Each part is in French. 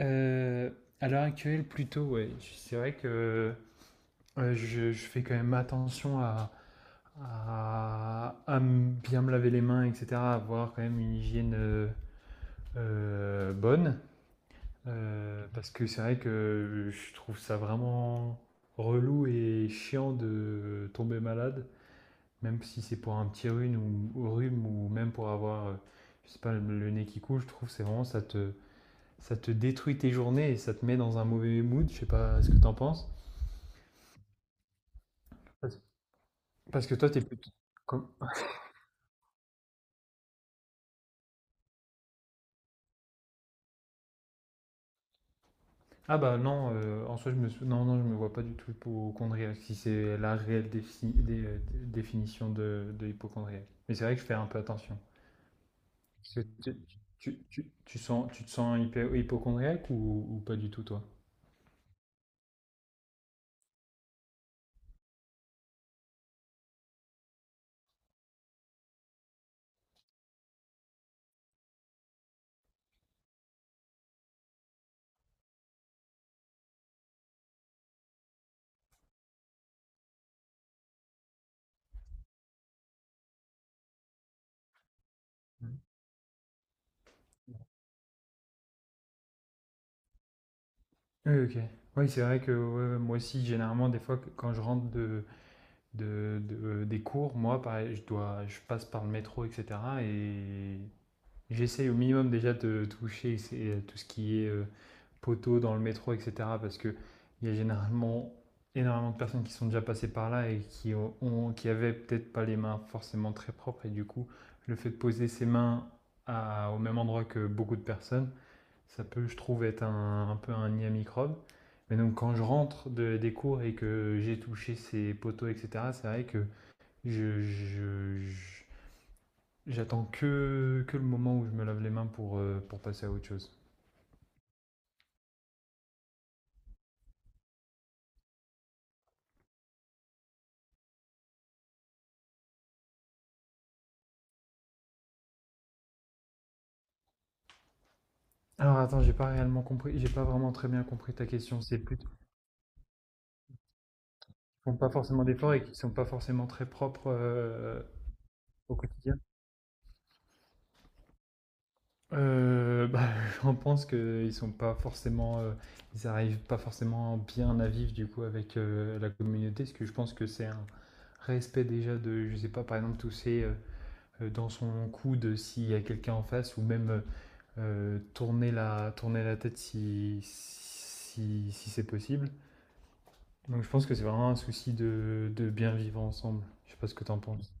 Euh, à l'heure actuelle, plutôt, ouais. C'est vrai que je fais quand même attention à, bien me laver les mains, etc., à avoir quand même une hygiène bonne. Parce que c'est vrai que je trouve ça vraiment relou et chiant de tomber malade, même si c'est pour un petit rhume ou rhume ou même pour avoir, je sais pas, le nez qui coule, je trouve c'est vraiment ça te détruit tes journées et ça te met dans un mauvais mood. Je sais pas ce que t'en penses. Parce parce que toi, t'es plutôt. comme- Ah bah non, en soi, non, non, je me vois pas du tout hypochondriaque, si c'est la réelle définition de hypochondriaque. Mais c'est vrai que je fais un peu attention. Parce que tu te sens hypochondriaque ou pas du tout, toi? Oui, ok. Oui, c'est vrai que ouais, ouais, moi aussi, généralement, des fois, quand je rentre des cours, moi, pareil, je passe par le métro, etc. Et j'essaye au minimum déjà de toucher tout ce qui est poteau dans le métro, etc. Parce qu'il y a généralement énormément de personnes qui sont déjà passées par là et qui avaient peut-être pas les mains forcément très propres. Et du coup, le fait de poser ses mains au même endroit que beaucoup de personnes, ça peut, je trouve, être un peu un nid à microbes. Mais donc quand je rentre des cours et que j'ai touché ces poteaux, etc., c'est vrai que je, je- je- j'attends que le moment où je me lave les mains pour passer à autre chose. Alors attends, j'ai pas réellement compris, j'ai pas vraiment très bien compris ta question. C'est plus qu'ils font pas forcément d'efforts et qu'ils sont pas forcément très propres au quotidien. Bah, j'en pense qu'ils sont pas forcément, ils arrivent pas forcément bien à vivre du coup avec la communauté, parce que je pense que c'est un respect déjà de, je sais pas, par exemple tousser dans son coude s'il y a quelqu'un en face ou même tourner, tourner la tête si c'est possible. Donc je pense que c'est vraiment un souci de bien vivre ensemble. Je sais pas ce que t'en penses.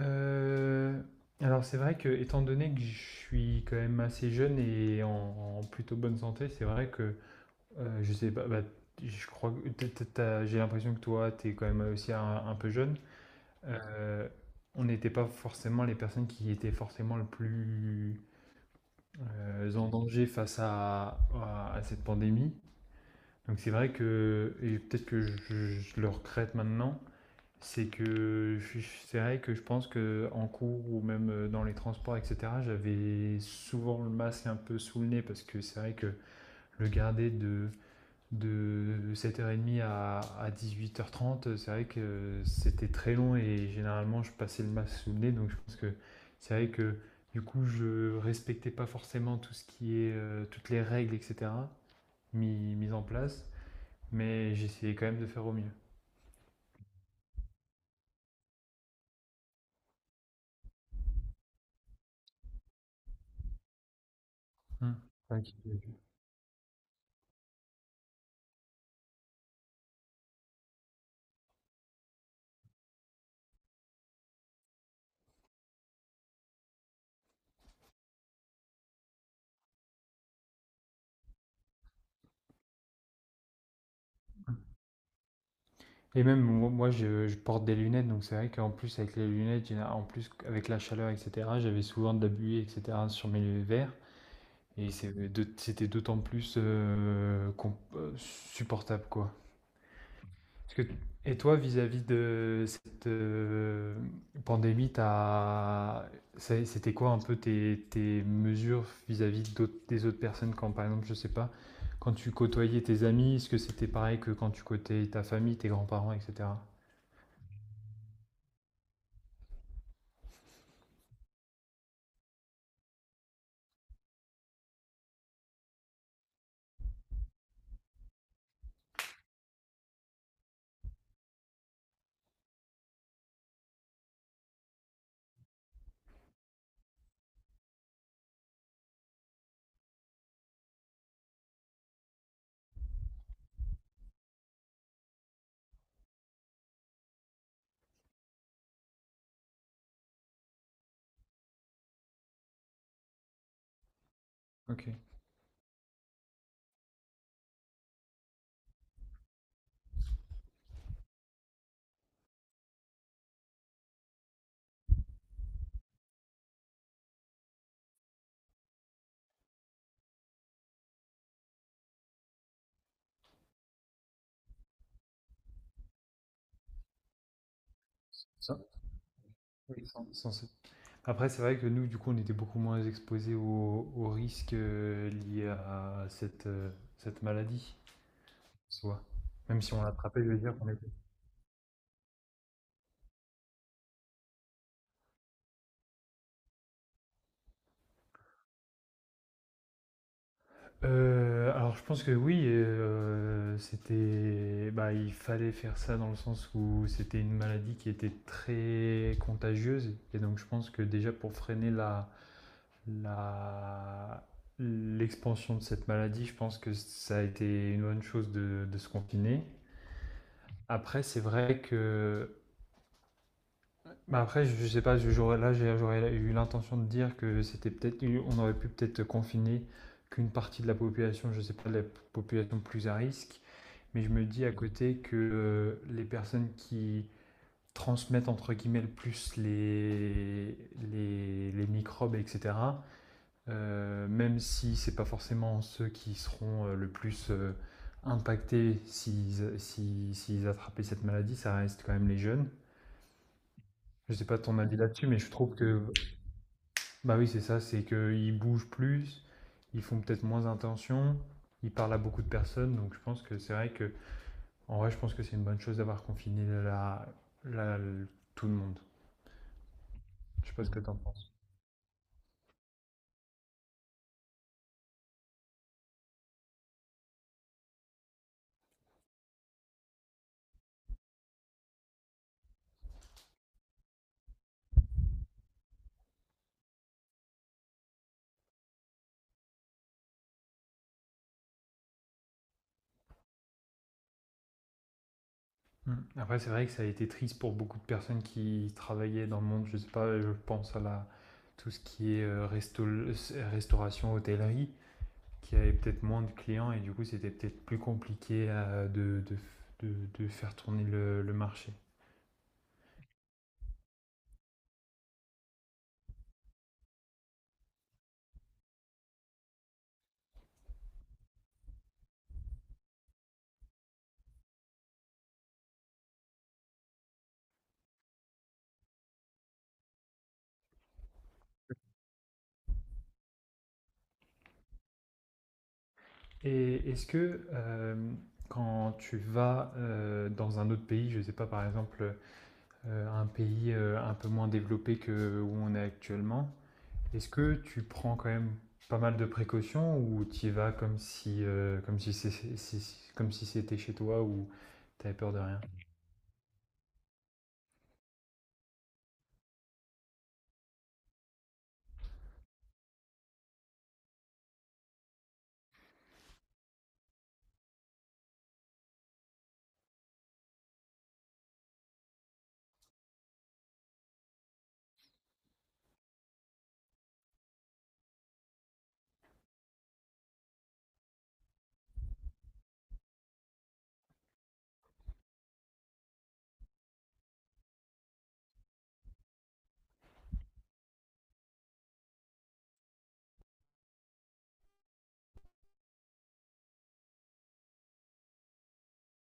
Euh, alors c'est vrai que étant donné que je suis quand même assez jeune et en plutôt bonne santé, c'est vrai que je sais pas, bah, je crois que j'ai l'impression que toi t'es quand même aussi un peu jeune. Euh, on n'était pas forcément les personnes qui étaient forcément le plus en danger face à cette pandémie. Donc c'est vrai que et peut-être que je le regrette maintenant, c'est que je suis c'est vrai que je pense que en cours ou même, dans les transports et cetera, j'avais souvent le masque un peu sous le nez parce que c'est vrai que le garder de 7h30 à 8h30 c'est vrai que c'était très long et généralement je passais le masque sous le nez, donc je pense que c'est vrai que du coup je respectais pas forcément tout ce qui est toutes les règles, etc. Mises en place, mais j'essayais quand même de faire au mieux. Hmm. C'est vrai Hmm. Et même moi, je porte des lunettes, donc c'est vrai qu'en plus avec les lunettes, en plus avec la chaleur, etc., j'avais souvent de la buée, etc., sur mes verres. Et c'était d'autant plus, com supportable, quoi. Parce que Et toi, vis-à-vis de pandémie, t'as as c'était quoi un peu tes mesures vis-à-vis d'autres des autres personnes quand, par exemple, je sais pas, quand tu côtoyais tes amis, est-ce que c'était pareil que quand tu côtoyais ta famille, tes grands-parents et cetera? OK. Sans oui, sans sans après, c'est vrai que nous, du coup, on était beaucoup moins exposés aux risques liés à cette maladie, soit. Même si on l'attrapait, je veux dire qu'on était. Alors, je pense que oui, bah, il fallait faire ça dans le sens où c'était une maladie qui était très contagieuse. Et donc, je pense que déjà pour freiner la, l'expansion de cette maladie, je pense que ça a été une bonne chose de se confiner. Après, c'est vrai que Bah après, je sais pas, j'aurais eu l'intention de dire que c'était peut-être, on aurait pu peut-être confiner qu'une partie de la population, je sais pas, la population plus à risque, mais je me dis à côté que les personnes qui transmettent entre guillemets le plus les microbes, etc., même si c'est pas forcément ceux qui seront le plus impactés s'ils si, s'ils attrapaient cette maladie, ça reste quand même les jeunes. Je sais pas ton avis là-dessus, mais je trouve que bah oui, c'est ça, c'est qu'ils bougent plus, ils font peut-être moins attention, ils parlent à beaucoup de personnes, donc je pense que c'est vrai que, en vrai, je pense que c'est une bonne chose d'avoir confiné la- le- tout le monde. Je sais pas ce que t'en penses. Mm. Après, c'est vrai que ça a été triste pour beaucoup de personnes qui travaillaient dans le monde, je sais pas, je pense à tout ce qui est restauration, hôtellerie, qui avait peut-être moins de clients et du coup, c'était peut-être plus compliqué de faire tourner le marché. Et est-ce que quand tu vas dans un autre pays, je ne sais pas par exemple un pays un peu moins développé que où on est actuellement, est-ce que tu prends quand même pas mal de précautions ou tu y vas comme si comme si c'était chez toi ou t'avais peur de rien?